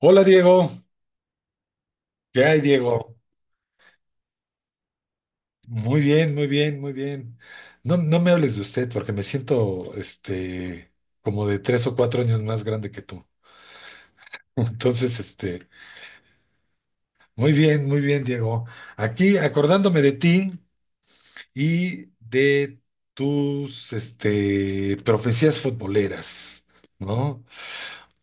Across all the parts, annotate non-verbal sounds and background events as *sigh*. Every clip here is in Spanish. Hola Diego, ¿qué hay Diego? Muy bien, muy bien, muy bien. No, no me hables de usted porque me siento como de tres o cuatro años más grande que tú. *laughs* Entonces, muy bien, Diego. Aquí acordándome de ti y de tus profecías futboleras, ¿no?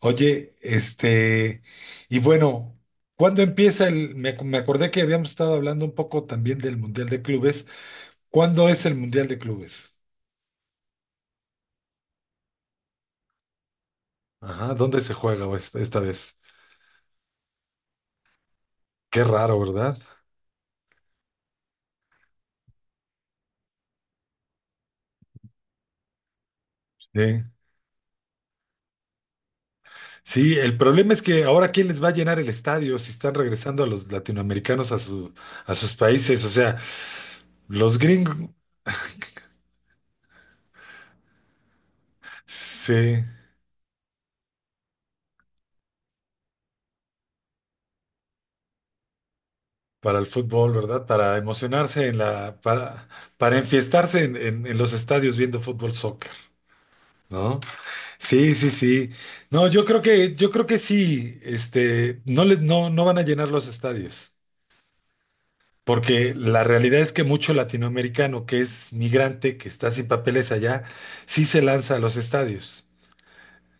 Oye, y bueno, ¿cuándo empieza me acordé que habíamos estado hablando un poco también del Mundial de Clubes. ¿Cuándo es el Mundial de Clubes? Ajá, ¿dónde se juega esta vez? Qué raro, ¿verdad? Sí. Sí, el problema es que ahora quién les va a llenar el estadio si están regresando a los latinoamericanos a a sus países. O sea, los gringos. *laughs* Sí, para el fútbol, ¿verdad? Para emocionarse en para enfiestarse en los estadios viendo fútbol soccer, ¿no? Sí, sí, sí. No, yo creo que sí, no le, no, no van a llenar los estadios. Porque la realidad es que mucho latinoamericano que es migrante, que está sin papeles allá, sí se lanza a los estadios.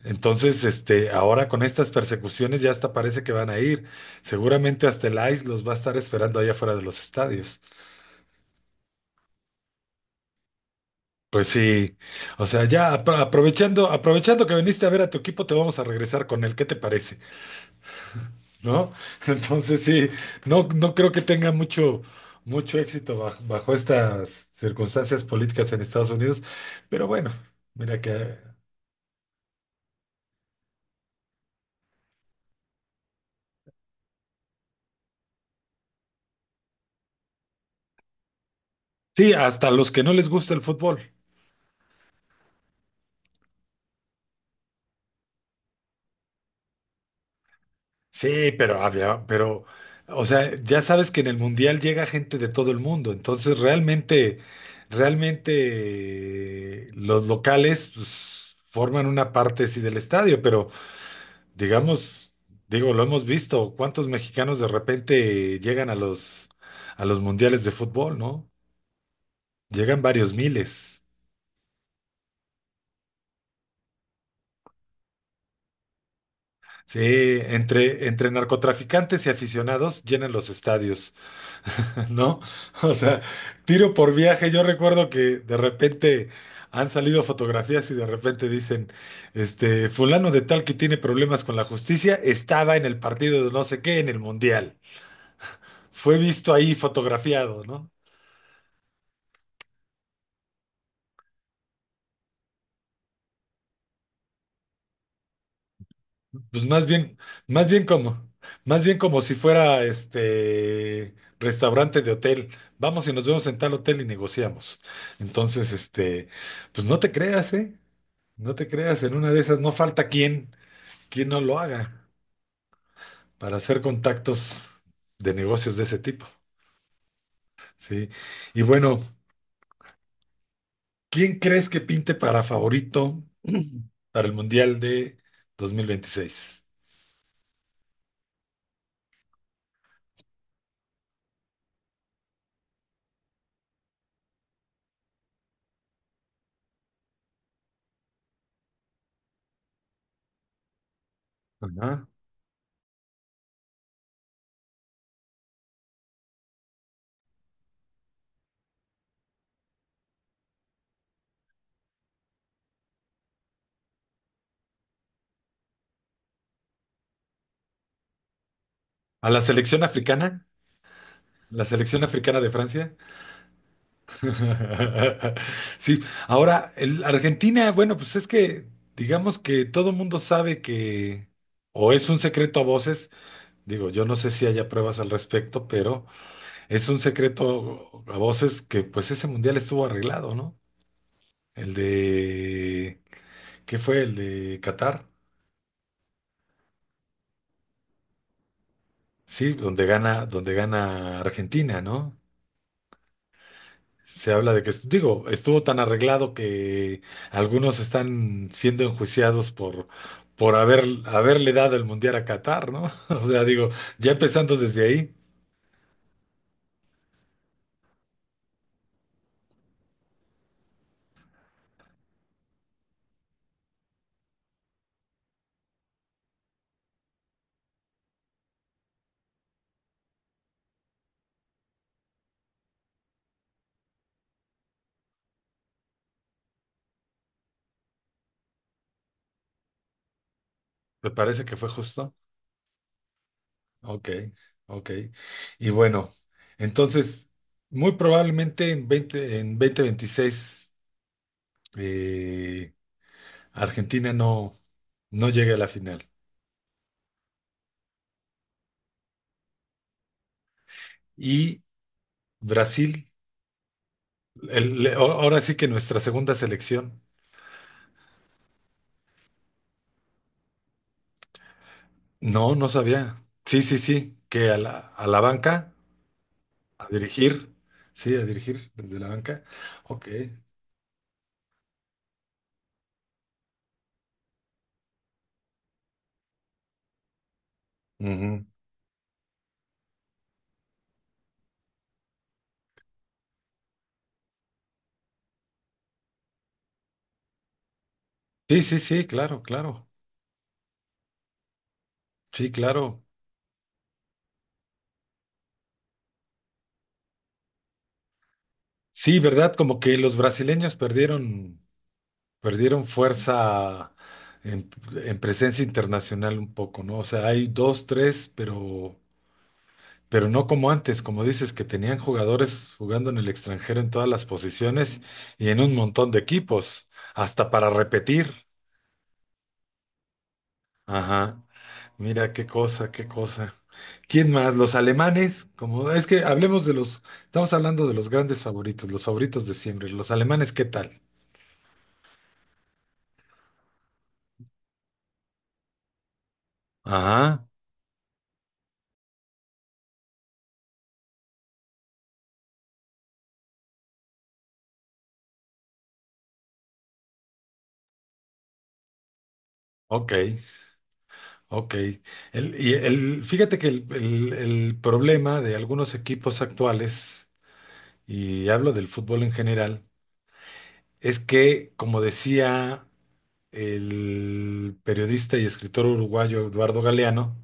Entonces, ahora con estas persecuciones ya hasta parece que van a ir. Seguramente hasta el ICE los va a estar esperando allá afuera de los estadios. Pues sí, o sea, ya aprovechando, aprovechando que viniste a ver a tu equipo, te vamos a regresar con él. ¿Qué te parece? ¿No? *laughs* Entonces sí, no, no creo que tenga mucho, mucho éxito bajo, bajo estas circunstancias políticas en Estados Unidos, pero bueno, mira que sí, hasta los que no les gusta el fútbol. Sí, pero había, pero, o sea, ya sabes que en el Mundial llega gente de todo el mundo, entonces realmente, realmente los locales pues, forman una parte sí del estadio, pero digamos, digo, lo hemos visto, cuántos mexicanos de repente llegan a a los mundiales de fútbol, ¿no? Llegan varios miles. Sí, entre narcotraficantes y aficionados llenan los estadios, *laughs* ¿no? O sea, tiro por viaje. Yo recuerdo que de repente han salido fotografías y de repente dicen, fulano de tal que tiene problemas con la justicia estaba en el partido de no sé qué en el mundial. Fue visto ahí fotografiado, ¿no? Pues más bien como, más bien como si fuera restaurante de hotel. Vamos y nos vemos en tal hotel y negociamos. Entonces, pues no te creas, ¿eh? No te creas, en una de esas no falta quien, quien no lo haga para hacer contactos de negocios de ese tipo, ¿sí? Y bueno, ¿quién crees que pinte para favorito *clears throat* para el Mundial de 2026? Ajá. ¿A la selección africana? ¿La selección africana de Francia? *laughs* Sí, ahora Argentina, bueno, pues es que digamos que todo mundo sabe que, o es un secreto a voces, digo, yo no sé si haya pruebas al respecto, pero es un secreto a voces que pues ese mundial estuvo arreglado, ¿no? El de, ¿qué fue? El de Qatar, sí, donde gana Argentina, ¿no? Se habla de que, digo, estuvo tan arreglado que algunos están siendo enjuiciados por, haberle dado el mundial a Qatar, ¿no? *laughs* O sea, digo, ya empezando desde ahí, me parece que fue justo. Ok, ok. Y bueno, entonces, muy probablemente en en 2026, eh, Argentina no, no llegue a la final. Y Brasil, ahora sí que nuestra segunda selección. No, no sabía. Sí, sí, sí, que a a la banca, a dirigir, sí, a dirigir desde la banca. Ok. Ujú. Sí, sí, sí, claro, claro. Sí, claro. Sí, ¿verdad? Como que los brasileños perdieron, perdieron fuerza en, en presencia internacional un poco, ¿no? O sea, hay dos, tres, pero no como antes, como dices, que tenían jugadores jugando en el extranjero en todas las posiciones y en un montón de equipos, hasta para repetir. Ajá, mira qué cosa, qué cosa. ¿Quién más? Los alemanes, como es que hablemos de los, estamos hablando de los grandes favoritos, los favoritos de siempre. Los alemanes, ¿qué tal? Ajá, ok, ok. Fíjate que el problema de algunos equipos actuales, y hablo del fútbol en general, es que, como decía el periodista y escritor uruguayo Eduardo Galeano,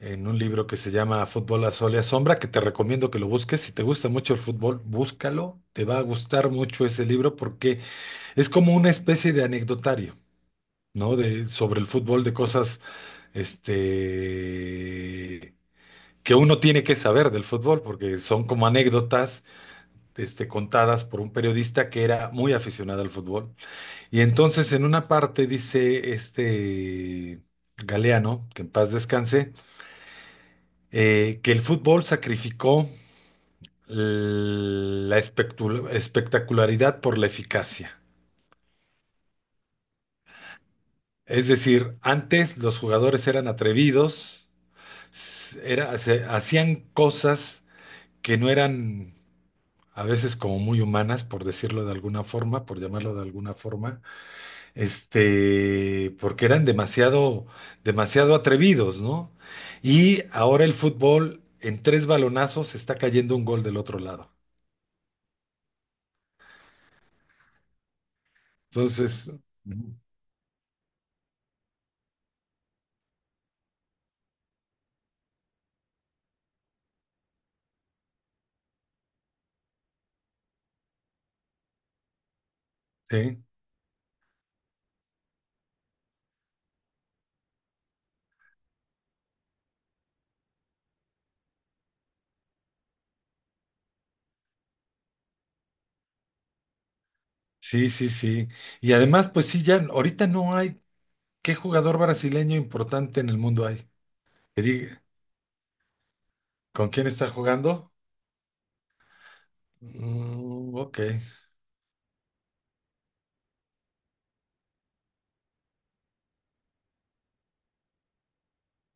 en un libro que se llama Fútbol a sol y a sombra, que te recomiendo que lo busques. Si te gusta mucho el fútbol, búscalo. Te va a gustar mucho ese libro porque es como una especie de anecdotario, ¿no? De, sobre el fútbol, de cosas, este, que uno tiene que saber del fútbol, porque son como anécdotas, contadas por un periodista que era muy aficionado al fútbol. Y entonces en una parte dice Galeano, que en paz descanse, que el fútbol sacrificó la espectacularidad por la eficacia. Es decir, antes los jugadores eran atrevidos, hacían cosas que no eran a veces como muy humanas, por decirlo de alguna forma, por llamarlo de alguna forma, porque eran demasiado, demasiado atrevidos, ¿no? Y ahora el fútbol en tres balonazos está cayendo un gol del otro lado. Entonces, ujú. Sí. Sí, sí, sí. Y además, pues sí, ya ahorita no hay qué jugador brasileño importante en el mundo hay. Que diga, ¿con quién está jugando? Mm, ok,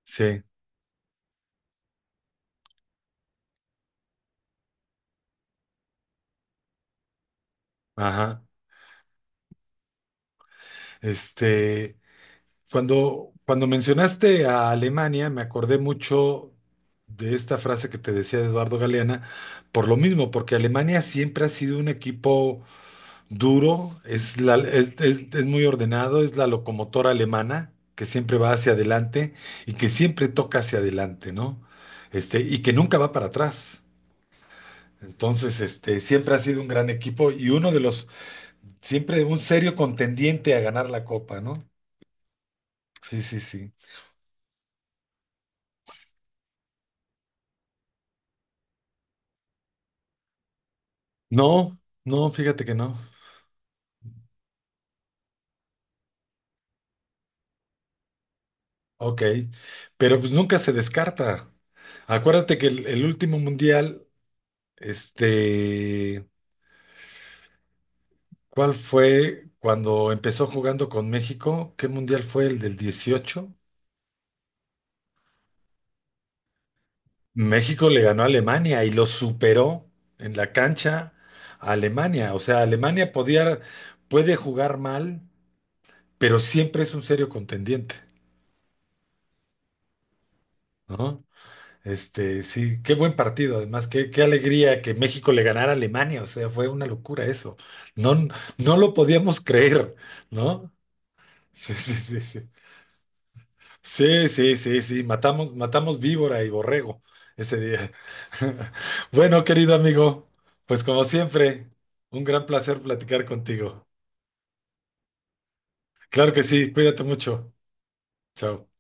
sí, ajá. Este, cuando, cuando mencionaste a Alemania, me acordé mucho de esta frase que te decía de Eduardo Galeana, por lo mismo, porque Alemania siempre ha sido un equipo duro, es, es, es muy ordenado, es la locomotora alemana que siempre va hacia adelante y que siempre toca hacia adelante, ¿no? Y que nunca va para atrás. Entonces, siempre ha sido un gran equipo y uno de los, siempre un serio contendiente a ganar la copa, ¿no? Sí, sí, sí. No, no, fíjate que no. Ok, pero pues nunca se descarta. Acuérdate que el último mundial, este, ¿cuál fue cuando empezó jugando con México? ¿Qué mundial fue el del 18? México le ganó a Alemania y lo superó en la cancha a Alemania. O sea, Alemania podía, puede jugar mal, pero siempre es un serio contendiente, ¿no? Sí, qué buen partido, además, qué, qué alegría que México le ganara a Alemania, o sea, fue una locura eso. No, no lo podíamos creer, ¿no? Sí, sí, sí, sí. Sí, sí, sí, sí, matamos, matamos víbora y borrego ese día. *laughs* Bueno, querido amigo, pues como siempre, un gran placer platicar contigo. Claro que sí, cuídate mucho. Chao.